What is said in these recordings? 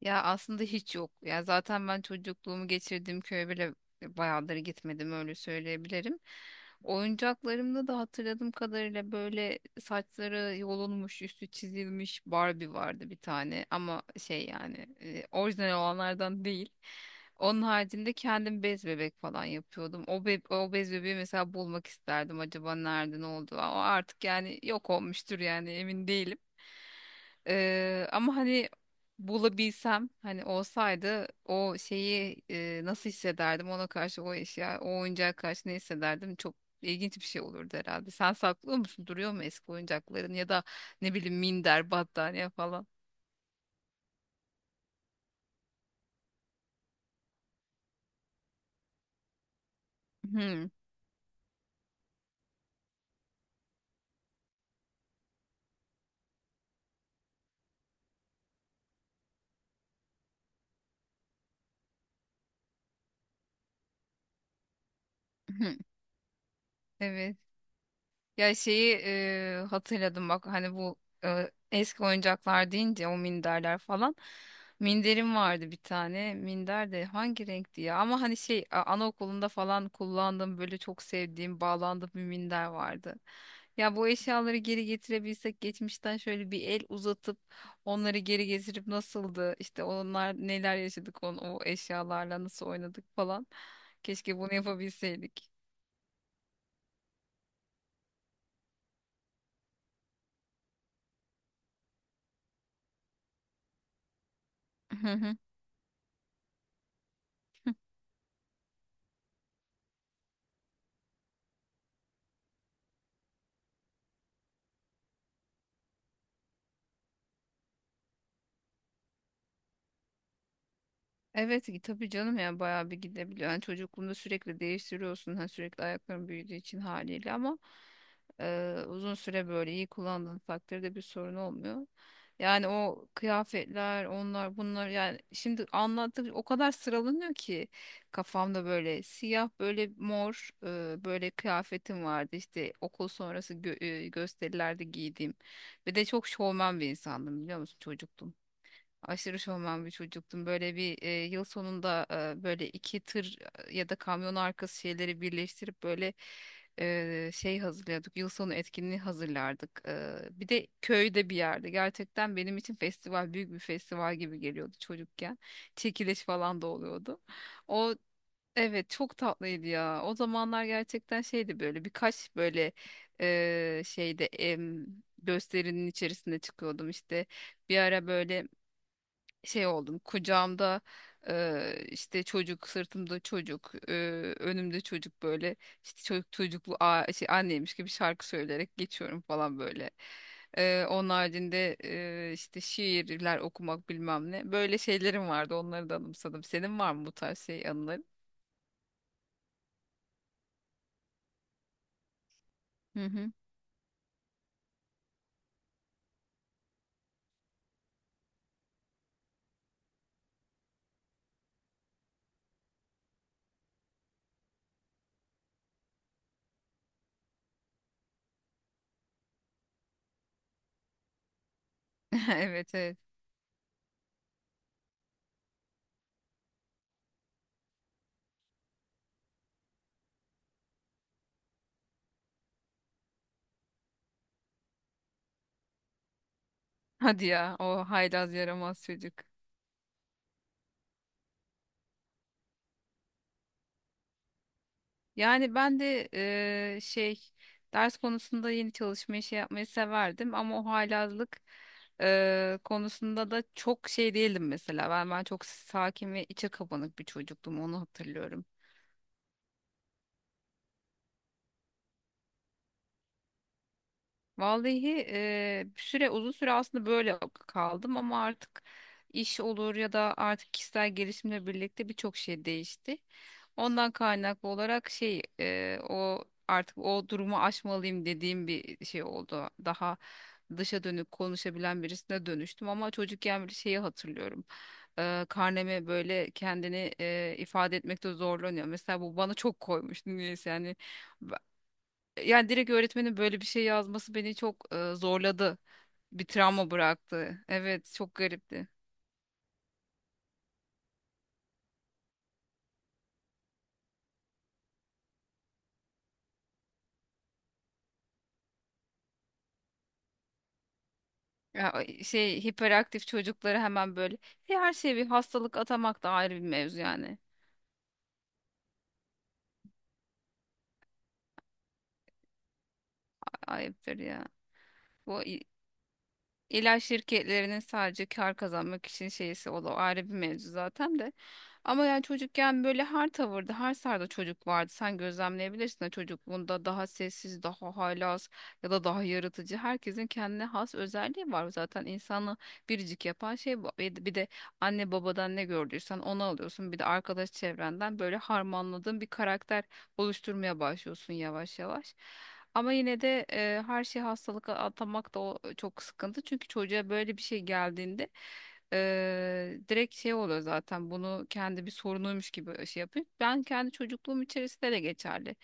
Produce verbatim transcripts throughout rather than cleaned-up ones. Ya aslında hiç yok. Ya zaten ben çocukluğumu geçirdiğim köye bile bayağıdır gitmedim öyle söyleyebilirim. Oyuncaklarımda da hatırladığım kadarıyla böyle saçları yolunmuş, üstü çizilmiş Barbie vardı bir tane ama şey yani e, orijinal olanlardan değil. Onun haricinde kendim bez bebek falan yapıyordum. O, be o bez bebeği mesela bulmak isterdim. Acaba nerede ne oldu? O artık yani yok olmuştur yani emin değilim. Ee, ama hani bulabilsem hani olsaydı o şeyi e, nasıl hissederdim ona karşı o eşya o oyuncağa karşı ne hissederdim, çok ilginç bir şey olurdu herhalde. Sen saklıyor musun? Duruyor mu eski oyuncakların ya da ne bileyim minder, battaniye falan? Hmm. Hmm. Evet. Ya şeyi e, hatırladım bak, hani bu e, eski oyuncaklar deyince o minderler falan. Minderim vardı bir tane. Minder de hangi renkti ya? Ama hani şey, a- anaokulunda falan kullandığım böyle çok sevdiğim, bağlandığım bir minder vardı. Ya bu eşyaları geri getirebilsek, geçmişten şöyle bir el uzatıp onları geri getirip nasıldı, İşte onlar, neler yaşadık on, o eşyalarla nasıl oynadık falan. Keşke bunu yapabilseydik. Evet ki tabii canım, yani bayağı bir gidebiliyor. Yani çocukluğunda sürekli değiştiriyorsun. Hani sürekli ayakların büyüdüğü için, haliyle. Ama e, uzun süre böyle iyi kullandığın takdirde bir sorun olmuyor. Yani o kıyafetler, onlar bunlar, yani şimdi anlattık, o kadar sıralanıyor ki kafamda, böyle siyah, böyle mor, e, böyle kıyafetim vardı, işte okul sonrası gö- e, gösterilerde giydiğim. Ve de çok şovmen bir insandım, biliyor musun, çocuktum. Aşırı şovmen bir çocuktum. Böyle bir e, yıl sonunda e, böyle iki tır e, ya da kamyon arkası şeyleri birleştirip böyle e, şey hazırlıyorduk. Yıl sonu etkinliği hazırlardık. E, bir de köyde bir yerde. Gerçekten benim için festival büyük bir festival gibi geliyordu çocukken. Çekiliş falan da oluyordu. O, evet, çok tatlıydı ya. O zamanlar gerçekten şeydi, böyle birkaç böyle e, şeyde, em, gösterinin içerisinde çıkıyordum işte. Bir ara böyle şey oldum, kucağımda eee, işte çocuk, sırtımda çocuk, eee, önümde çocuk, böyle işte çocuk çocuklu, a- şey, anneymiş gibi şarkı söyleyerek geçiyorum falan böyle. Eee onun haricinde eee, işte şiirler okumak, bilmem ne, böyle şeylerim vardı, onları da anımsadım. Senin var mı bu tarz şey anıların? Hı hı. Evet, evet. Hadi ya, o haylaz yaramaz çocuk. Yani ben de eee, şey, ders konusunda yeni çalışmayı, şey yapmayı severdim, ama o haylazlık eee, konusunda da çok şey değildim mesela. Ben ben çok sakin ve içe kapanık bir çocuktum, onu hatırlıyorum. Vallahi eee, bir süre uzun süre aslında böyle kaldım, ama artık iş olur ya da artık kişisel gelişimle birlikte birçok şey değişti. Ondan kaynaklı olarak şey, e, o artık o durumu aşmalıyım dediğim bir şey oldu. Daha dışa dönük konuşabilen birisine dönüştüm. Ama çocukken bir şeyi hatırlıyorum. E, karneme böyle, kendini e, ifade etmekte zorlanıyor. Mesela bu bana çok koymuştu, niyeyse yani. Ba- Yani direkt öğretmenin böyle bir şey yazması beni çok e, zorladı. Bir travma bıraktı. Evet, çok garipti. Ya, şey, hiperaktif çocukları hemen böyle... E, her şeye bir hastalık atamak da ayrı bir mevzu yani. Ayıptır ya. Bu İlaç şirketlerinin sadece kar kazanmak için şeysi, o da ayrı bir mevzu zaten de. Ama yani çocukken böyle her tavırda, her sarda çocuk vardı. Sen gözlemleyebilirsin de, çocukluğunda daha sessiz, daha haylaz ya da daha yaratıcı. Herkesin kendine has özelliği var. Zaten insanı biricik yapan şey bu. Bir de bir de anne babadan ne gördüysen onu alıyorsun. Bir de arkadaş çevrenden böyle harmanladığın bir karakter oluşturmaya başlıyorsun yavaş yavaş. Ama yine de e, her şeyi hastalığa atamak da o çok sıkıntı. Çünkü çocuğa böyle bir şey geldiğinde e, direkt şey oluyor zaten, bunu kendi bir sorunuymuş gibi şey yapıyor. Ben kendi çocukluğum içerisinde de geçerli.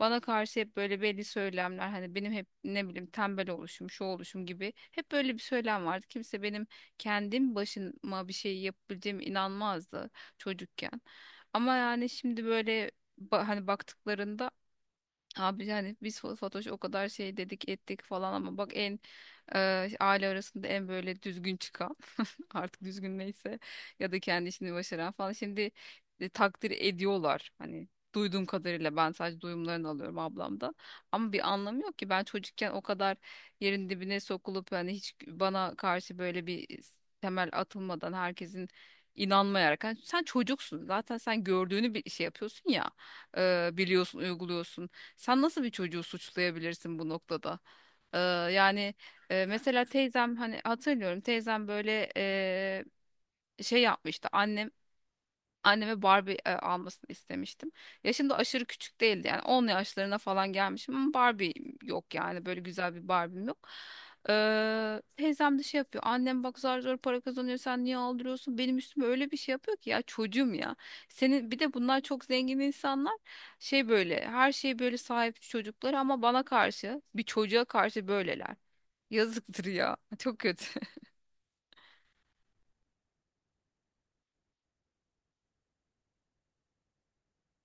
Bana karşı hep böyle belli söylemler, hani benim hep ne bileyim tembel oluşum, şu oluşum gibi hep böyle bir söylem vardı. Kimse benim kendim başıma bir şey yapabileceğime inanmazdı çocukken. Ama yani şimdi böyle, ba- hani baktıklarında, abi yani biz Fo- Fatoş'a o kadar şey dedik ettik falan, ama bak en, e, aile arasında en böyle düzgün çıkan. Artık düzgün neyse, ya da kendi işini başaran falan, şimdi e, takdir ediyorlar hani, duyduğum kadarıyla, ben sadece duyumlarını alıyorum ablamda. Ama bir anlamı yok ki, ben çocukken o kadar yerin dibine sokulup, hani hiç bana karşı böyle bir temel atılmadan, herkesin inanmayarak, hani sen çocuksun zaten, sen gördüğünü bir şey yapıyorsun ya, e, biliyorsun, uyguluyorsun. Sen nasıl bir çocuğu suçlayabilirsin bu noktada? Ee, yani ee, mesela teyzem, hani hatırlıyorum teyzem böyle eee, şey yapmıştı, annem anneme Barbie e, almasını istemiştim. Yaşım da aşırı küçük değildi, yani on yaşlarına falan gelmişim, ama Barbie yok yani, böyle güzel bir Barbie'm yok. Ee, teyzem de şey yapıyor, annem bak zar zor para kazanıyor, sen niye aldırıyorsun, benim üstüme öyle bir şey yapıyor ki, ya çocuğum ya. Senin bir de bunlar çok zengin insanlar, şey, böyle her şeye böyle sahip çocuklar, ama bana karşı, bir çocuğa karşı böyleler. Yazıktır ya. Çok kötü.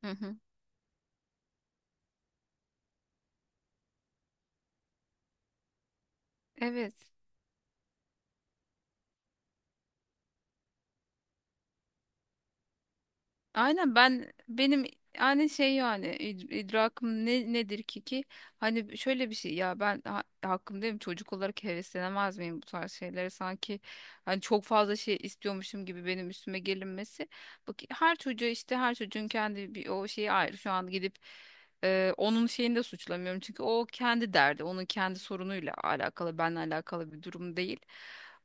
Hı hı. Evet. Aynen. Ben benim yani şey, yani id- idrakım ne nedir ki ki hani, şöyle bir şey ya, ben ha hakkım değil, çocuk olarak heveslenemez miyim bu tarz şeylere, sanki hani çok fazla şey istiyormuşum gibi benim üstüme gelinmesi. Bak, her çocuğa, işte her çocuğun kendi, bir o şeyi ayrı, şu an gidip... Ee, onun şeyini de suçlamıyorum, çünkü o kendi derdi, onun kendi sorunuyla alakalı, benle alakalı bir durum değil.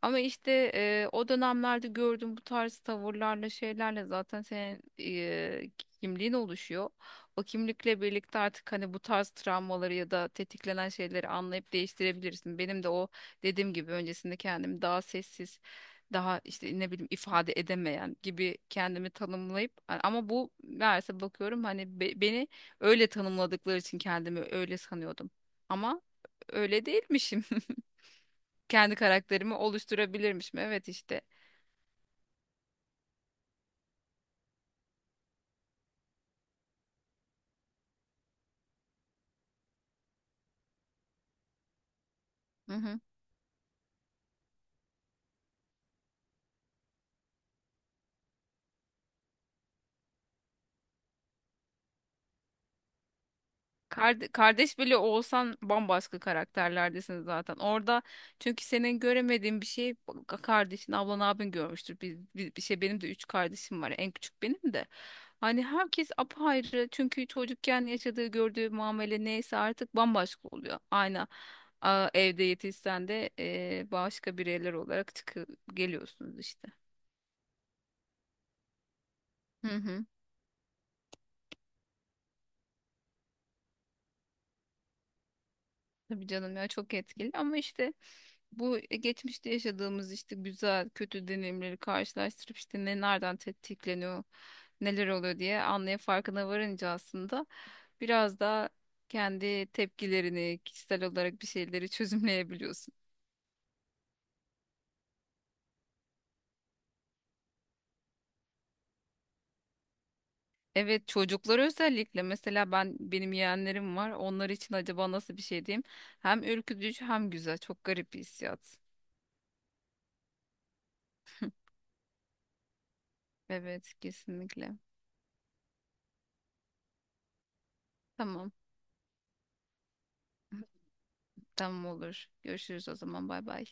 Ama işte e, o dönemlerde gördüğüm bu tarz tavırlarla, şeylerle zaten senin e, kimliğin oluşuyor. O kimlikle birlikte artık hani bu tarz travmaları ya da tetiklenen şeyleri anlayıp değiştirebilirsin. Benim de o dediğim gibi, öncesinde kendimi daha sessiz, daha işte ne bileyim ifade edemeyen gibi kendimi tanımlayıp, ama bu meğerse, bakıyorum hani, be- beni öyle tanımladıkları için kendimi öyle sanıyordum. Ama öyle değilmişim. Kendi karakterimi oluşturabilirmişim. Evet, işte. Karde- Kardeş bile olsan bambaşka karakterlerdesiniz zaten. Orada, çünkü senin göremediğin bir şey ka- kardeşin, ablan, abin görmüştür. Biz bir, bir şey, benim de üç kardeşim var. En küçük benim de. Hani herkes apayrı. Çünkü çocukken yaşadığı, gördüğü muamele neyse, artık bambaşka oluyor. Aynı a, evde yetişsen de e, başka bireyler olarak çıkıp geliyorsunuz işte. Hı hı. Tabii canım ya, çok etkili. Ama işte bu, e, geçmişte yaşadığımız işte güzel kötü deneyimleri karşılaştırıp, işte ne nereden tetikleniyor, neler oluyor diye anlaya, farkına varınca, aslında biraz daha kendi tepkilerini, kişisel olarak bir şeyleri çözümleyebiliyorsun. Evet, çocuklar özellikle, mesela ben benim yeğenlerim var, onlar için acaba nasıl bir şey diyeyim, hem ürkütücü hem güzel, çok garip bir hissiyat. Evet, kesinlikle. Tamam. Tamam, olur, görüşürüz o zaman. Bay bay.